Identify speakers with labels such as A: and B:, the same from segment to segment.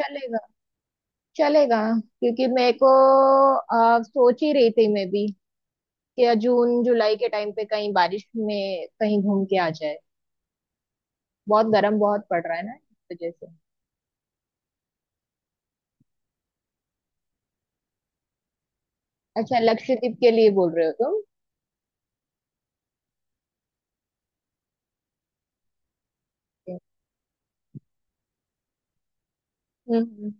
A: चलेगा। चलेगा क्योंकि मेरे को सोच ही रही थी मैं भी कि जून जुलाई के टाइम पे कहीं बारिश में कहीं घूम के आ जाए। बहुत गर्म बहुत पड़ रहा है ना, इस वजह से। अच्छा, लक्षद्वीप के लिए बोल रहे हो तुम। हम्म हम्म।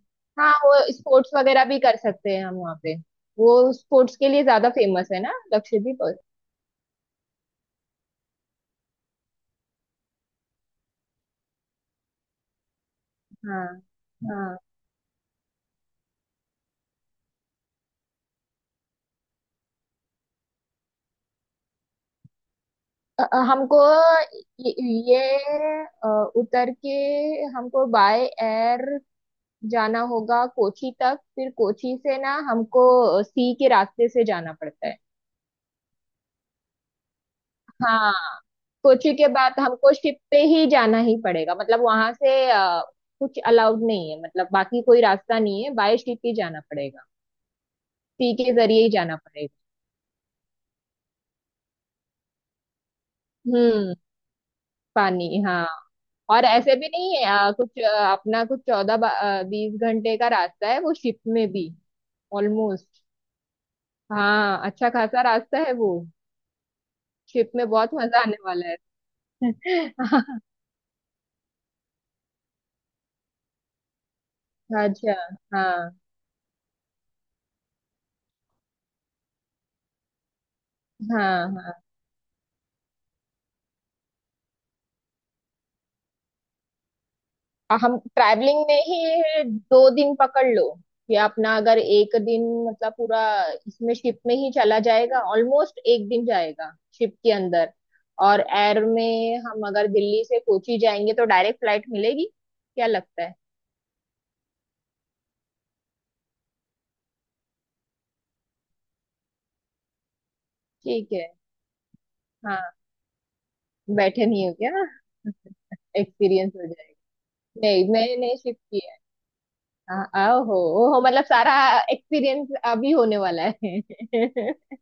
A: हाँ, वो स्पोर्ट्स वगैरह भी कर सकते हैं हम वहाँ पे। वो स्पोर्ट्स के लिए ज्यादा फेमस है ना लक्षद्वीप और- हाँ। हाँ हमको ये ये, अ, उतर के हमको बाय एयर जाना होगा कोची तक। फिर कोची से ना हमको सी के रास्ते से जाना पड़ता है। हाँ, कोची के बाद हमको शिप पे ही जाना ही पड़ेगा। मतलब वहां से कुछ अलाउड नहीं है, मतलब बाकी कोई रास्ता नहीं है, बाय शिप ही जाना पड़ेगा। सी के जरिए ही जाना पड़ेगा। हम्म। पानी, हाँ। और ऐसे भी नहीं है, कुछ अपना कुछ 14 20 घंटे का रास्ता है वो शिप में भी, ऑलमोस्ट। हाँ, अच्छा खासा रास्ता है वो। शिप में बहुत मजा आने वाला है। अच्छा। हाँ हाँ। हाँ, और हम ट्रैवलिंग में ही 2 दिन पकड़ लो कि अपना अगर 1 दिन, मतलब पूरा इसमें शिप में ही चला जाएगा, ऑलमोस्ट 1 दिन जाएगा शिप के अंदर। और एयर में हम अगर दिल्ली से कोची जाएंगे तो डायरेक्ट फ्लाइट मिलेगी, क्या लगता है? ठीक है। हाँ, बैठे नहीं हो क्या? एक्सपीरियंस हो जाएगा। नहीं, मैंने शिफ्ट किया है। आ- ओहो। ओहो, मतलब सारा एक्सपीरियंस अभी होने वाला है।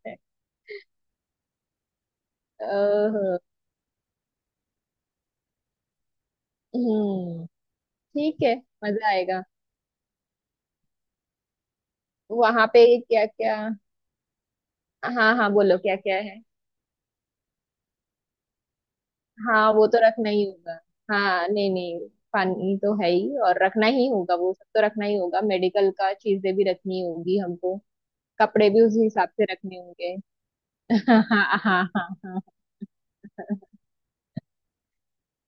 A: ओहो। हम्म। ठीक है। मजा आएगा। वहां पे क्या क्या? हाँ हाँ, बोलो क्या क्या है। हाँ, वो तो रखना ही होगा। हाँ, नहीं नहीं, पानी तो है ही, और रखना ही होगा, वो सब तो रखना ही होगा, मेडिकल का चीजें भी रखनी होगी हमको। कपड़े भी उसी हिसाब से रखने होंगे। हाँ हाँ हाँ। हाँ।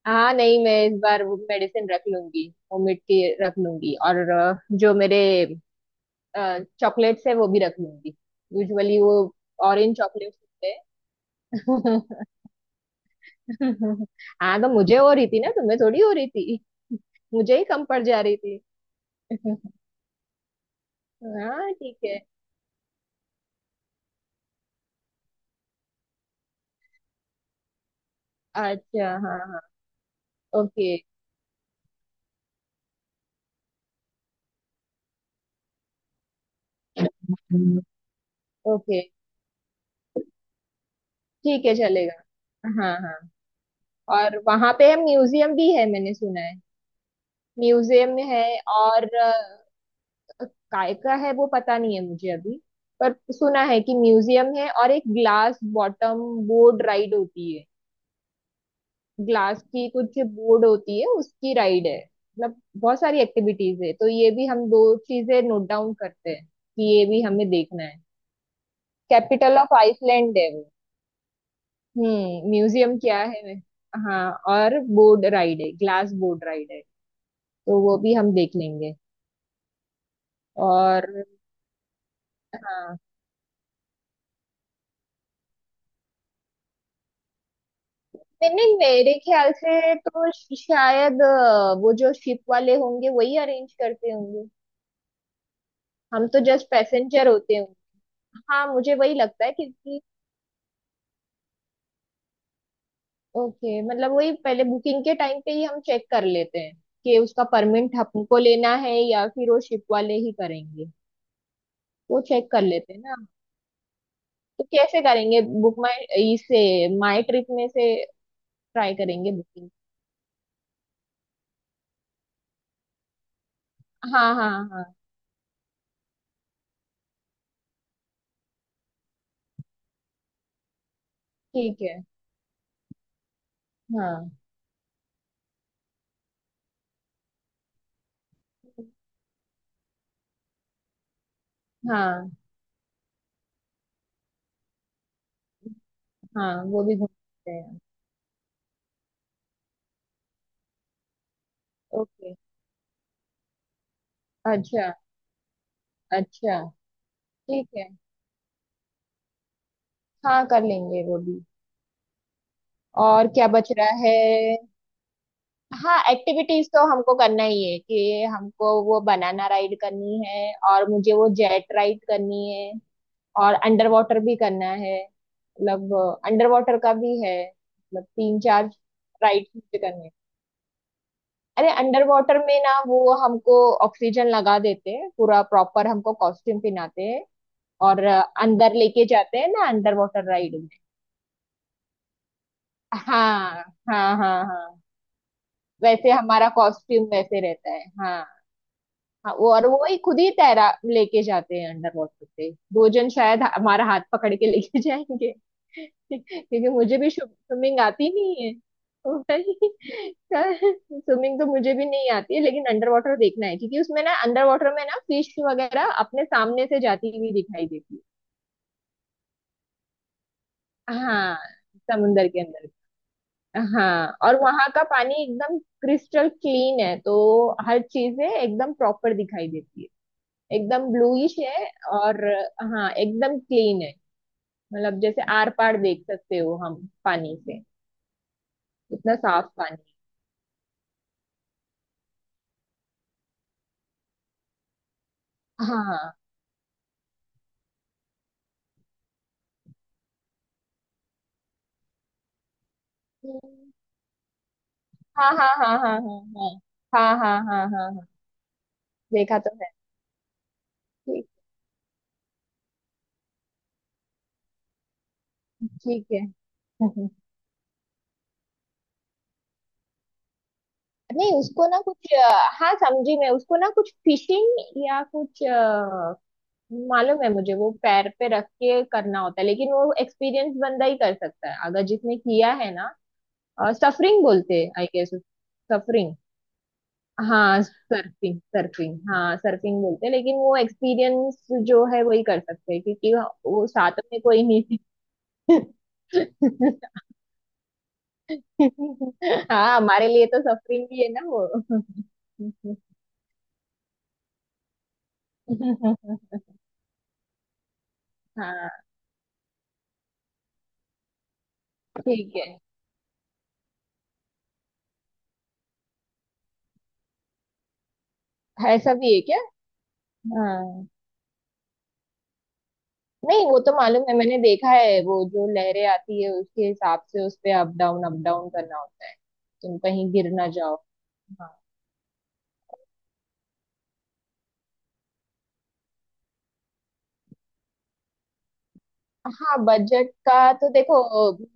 A: हाँ, नहीं, मैं इस बार वो मेडिसिन रख लूंगी, वो मिट्टी रख लूंगी, और जो मेरे चॉकलेट्स है वो भी रख लूंगी। यूजुअली वो ऑरेंज चॉकलेट्स होते हैं। हाँ, तो मुझे हो रही थी ना, तुम्हें थोड़ी हो रही थी, मुझे ही कम पड़ जा रही थी। हाँ, ठीक है। अच्छा। हाँ हाँ। ओके। ओके। ठीक है, चलेगा। हाँ हाँ। और वहां पे म्यूजियम भी है, मैंने सुना है। म्यूजियम है और काय का है वो पता नहीं है मुझे अभी, पर सुना है कि म्यूजियम है। और एक ग्लास बॉटम बोट राइड होती है। ग्लास की कुछ बोर्ड होती है, उसकी राइड है। मतलब बहुत सारी एक्टिविटीज है। तो ये भी हम दो चीजें नोट डाउन करते हैं कि ये भी हमें देखना है। कैपिटल ऑफ आइसलैंड है वो। हम्म, म्यूजियम क्या है वे? हाँ, और बोर्ड राइड है, ग्लास बोर्ड राइड है, तो वो भी हम देख लेंगे। और हाँ, मैंने मेरे ख्याल से तो शायद वो जो शिप वाले होंगे वही अरेंज करते होंगे। हम तो जस्ट पैसेंजर होते होंगे। हाँ, मुझे वही लगता है, क्योंकि ओके, मतलब वही पहले बुकिंग के टाइम पे ही हम चेक कर लेते हैं कि उसका परमिट हमको लेना है या फिर वो शिप वाले ही करेंगे। वो चेक कर लेते हैं ना। तो कैसे करेंगे, बुक माई इससे, माई ट्रिप में से ट्राई करेंगे बुकिंग। हाँ हाँ हाँ। ठीक है। हाँ हाँ, हाँ वो भी घूम सकते हैं। ओके। अच्छा अच्छा। ठीक है। हाँ, कर लेंगे वो भी। और क्या बच रहा है? हाँ, एक्टिविटीज तो हमको करना ही है, कि हमको वो बनाना राइड करनी है, और मुझे वो जेट राइड करनी है, और अंडर वाटर भी करना है, मतलब अंडर वाटर का भी है, मतलब 3 4 राइड मुझे करने हैं। अरे अंडर वाटर में ना, वो हमको ऑक्सीजन लगा देते हैं, पूरा प्रॉपर हमको कॉस्ट्यूम पहनाते हैं, और अंदर लेके जाते हैं ना, अंडर वाटर राइड में। हाँ हाँ हाँ हाँ। वैसे हमारा कॉस्ट्यूम वैसे रहता है, हाँ। हाँ, वो और वो ही खुद ही तैरा लेके जाते हैं, अंडर वाटर पे 2 जन शायद हमारा हाथ पकड़ के लेके जाएंगे। क्योंकि मुझे भी स्विमिंग आती नहीं है। तो भाई स्विमिंग तो मुझे भी नहीं आती है, लेकिन अंडर वाटर देखना है, क्योंकि उसमें ना अंडर वाटर में ना फिश वगैरह अपने सामने से जाती हुई दिखाई देती है। हाँ, समुंदर के अंदर। हाँ, और वहां का पानी एकदम क्रिस्टल क्लीन है, तो हर चीजें एकदम प्रॉपर दिखाई देती है। एकदम ब्लूइश है। और हाँ, एकदम क्लीन है, मतलब जैसे आर पार देख सकते हो हम पानी से। इतना साफ पानी है। हाँ। हम्म। हाँ हाँ हाँ हाँ हाँ। हाँ हाँ हाँ हाँ हाँ। हाँ देखा तो है। ठीक। ठीक है। नहीं, उसको ना कुछ हाँ, समझी मैं, उसको ना कुछ फिशिंग या कुछ मालूम है मुझे, वो पैर पे रख के करना होता है, लेकिन वो एक्सपीरियंस बंदा ही कर सकता है अगर जिसने किया है ना। सफरिंग बोलते हैं, आई गेस। सफरिंग। हाँ, सर्फिंग। सर्फिंग बोलते हैं। लेकिन वो एक्सपीरियंस जो है वही कर सकते हैं, क्योंकि वो साथ में कोई नहीं है। हाँ, हमारे लिए तो सफरिंग ही है ना वो। हाँ, ठीक है। ऐसा भी है क्या? हाँ। नहीं, वो तो मालूम है, मैंने देखा है, वो जो लहरें आती है उसके हिसाब से उस पे अप डाउन करना होता है। तुम कहीं गिर ना जाओ। हाँ। हाँ, बजट का तो देखो,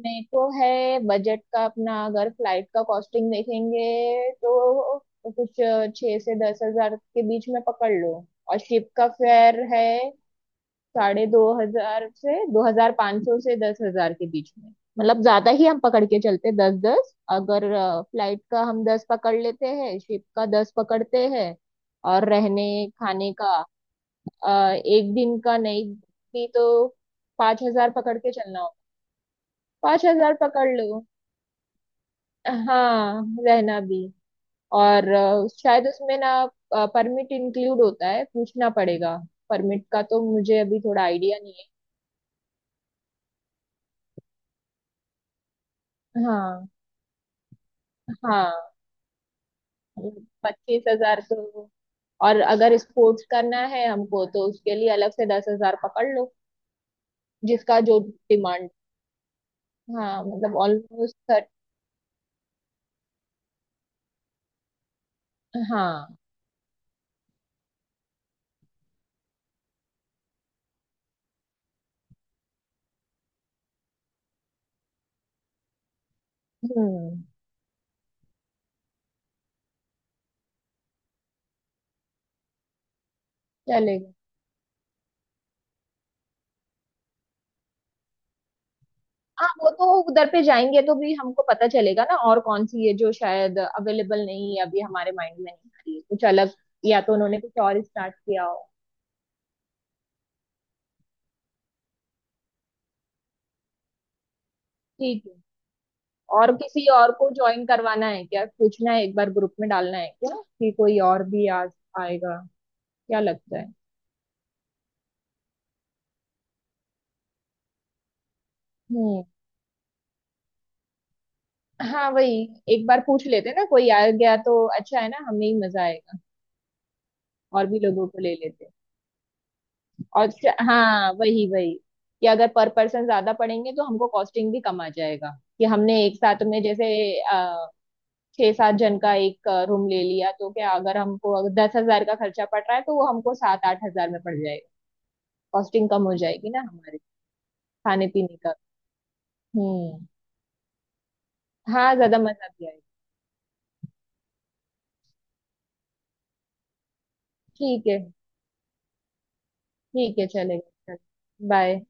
A: मेरे को है बजट का अपना। अगर फ्लाइट का कॉस्टिंग देखेंगे तो कुछ 6 से 10,000 के बीच में पकड़ लो। और शिप का फेयर है 2,500 से, 2,500 से 10,000 के बीच में। मतलब ज्यादा ही हम पकड़ के चलते, 10 10। अगर फ्लाइट का हम 10 पकड़ लेते हैं, शिप का 10 पकड़ते हैं, और रहने खाने का 1 दिन का नहीं भी तो 5,000 पकड़ के चलना होगा। 5,000 पकड़ लो। हाँ, रहना भी। और शायद उसमें ना परमिट इंक्लूड होता है, पूछना पड़ेगा। परमिट का तो मुझे अभी थोड़ा आइडिया नहीं है। हाँ। हाँ, 25,000 तो। और अगर स्पोर्ट्स करना है हमको तो उसके लिए अलग से 10,000 पकड़ लो, जिसका जो डिमांड। हाँ, मतलब ऑलमोस्ट। हाँ। हम्म। चलेगा। हाँ, वो तो उधर पे जाएंगे तो भी हमको पता चलेगा ना, और कौन सी है जो शायद अवेलेबल नहीं है अभी, हमारे माइंड में नहीं आ रही है कुछ अलग, या तो उन्होंने कुछ और स्टार्ट किया हो। ठीक है। और किसी और को ज्वाइन करवाना है क्या? पूछना है एक बार, ग्रुप में डालना है क्या, कि कोई और भी आ आएगा? क्या लगता है? हम्म। हाँ, वही, एक बार पूछ लेते ना, कोई आ गया तो अच्छा है ना, हमें ही मजा आएगा। और भी लोगों को ले लेते। और हाँ, वही वही, कि अगर पर पर्सन ज्यादा पड़ेंगे तो हमको कॉस्टिंग भी कम आ जाएगा। कि हमने एक साथ में जैसे अ, 6 7 जन का एक रूम ले लिया, तो क्या, अगर हमको अगर 10,000 का खर्चा पड़ रहा है तो वो हमको 7 8 हज़ार में पड़ जाएगा। कॉस्टिंग कम हो जाएगी ना हमारे खाने पीने का। हम्म। हाँ, ज्यादा मजा भी आएगा। ठीक है। ठीक है, चलेगा। चल, बाय।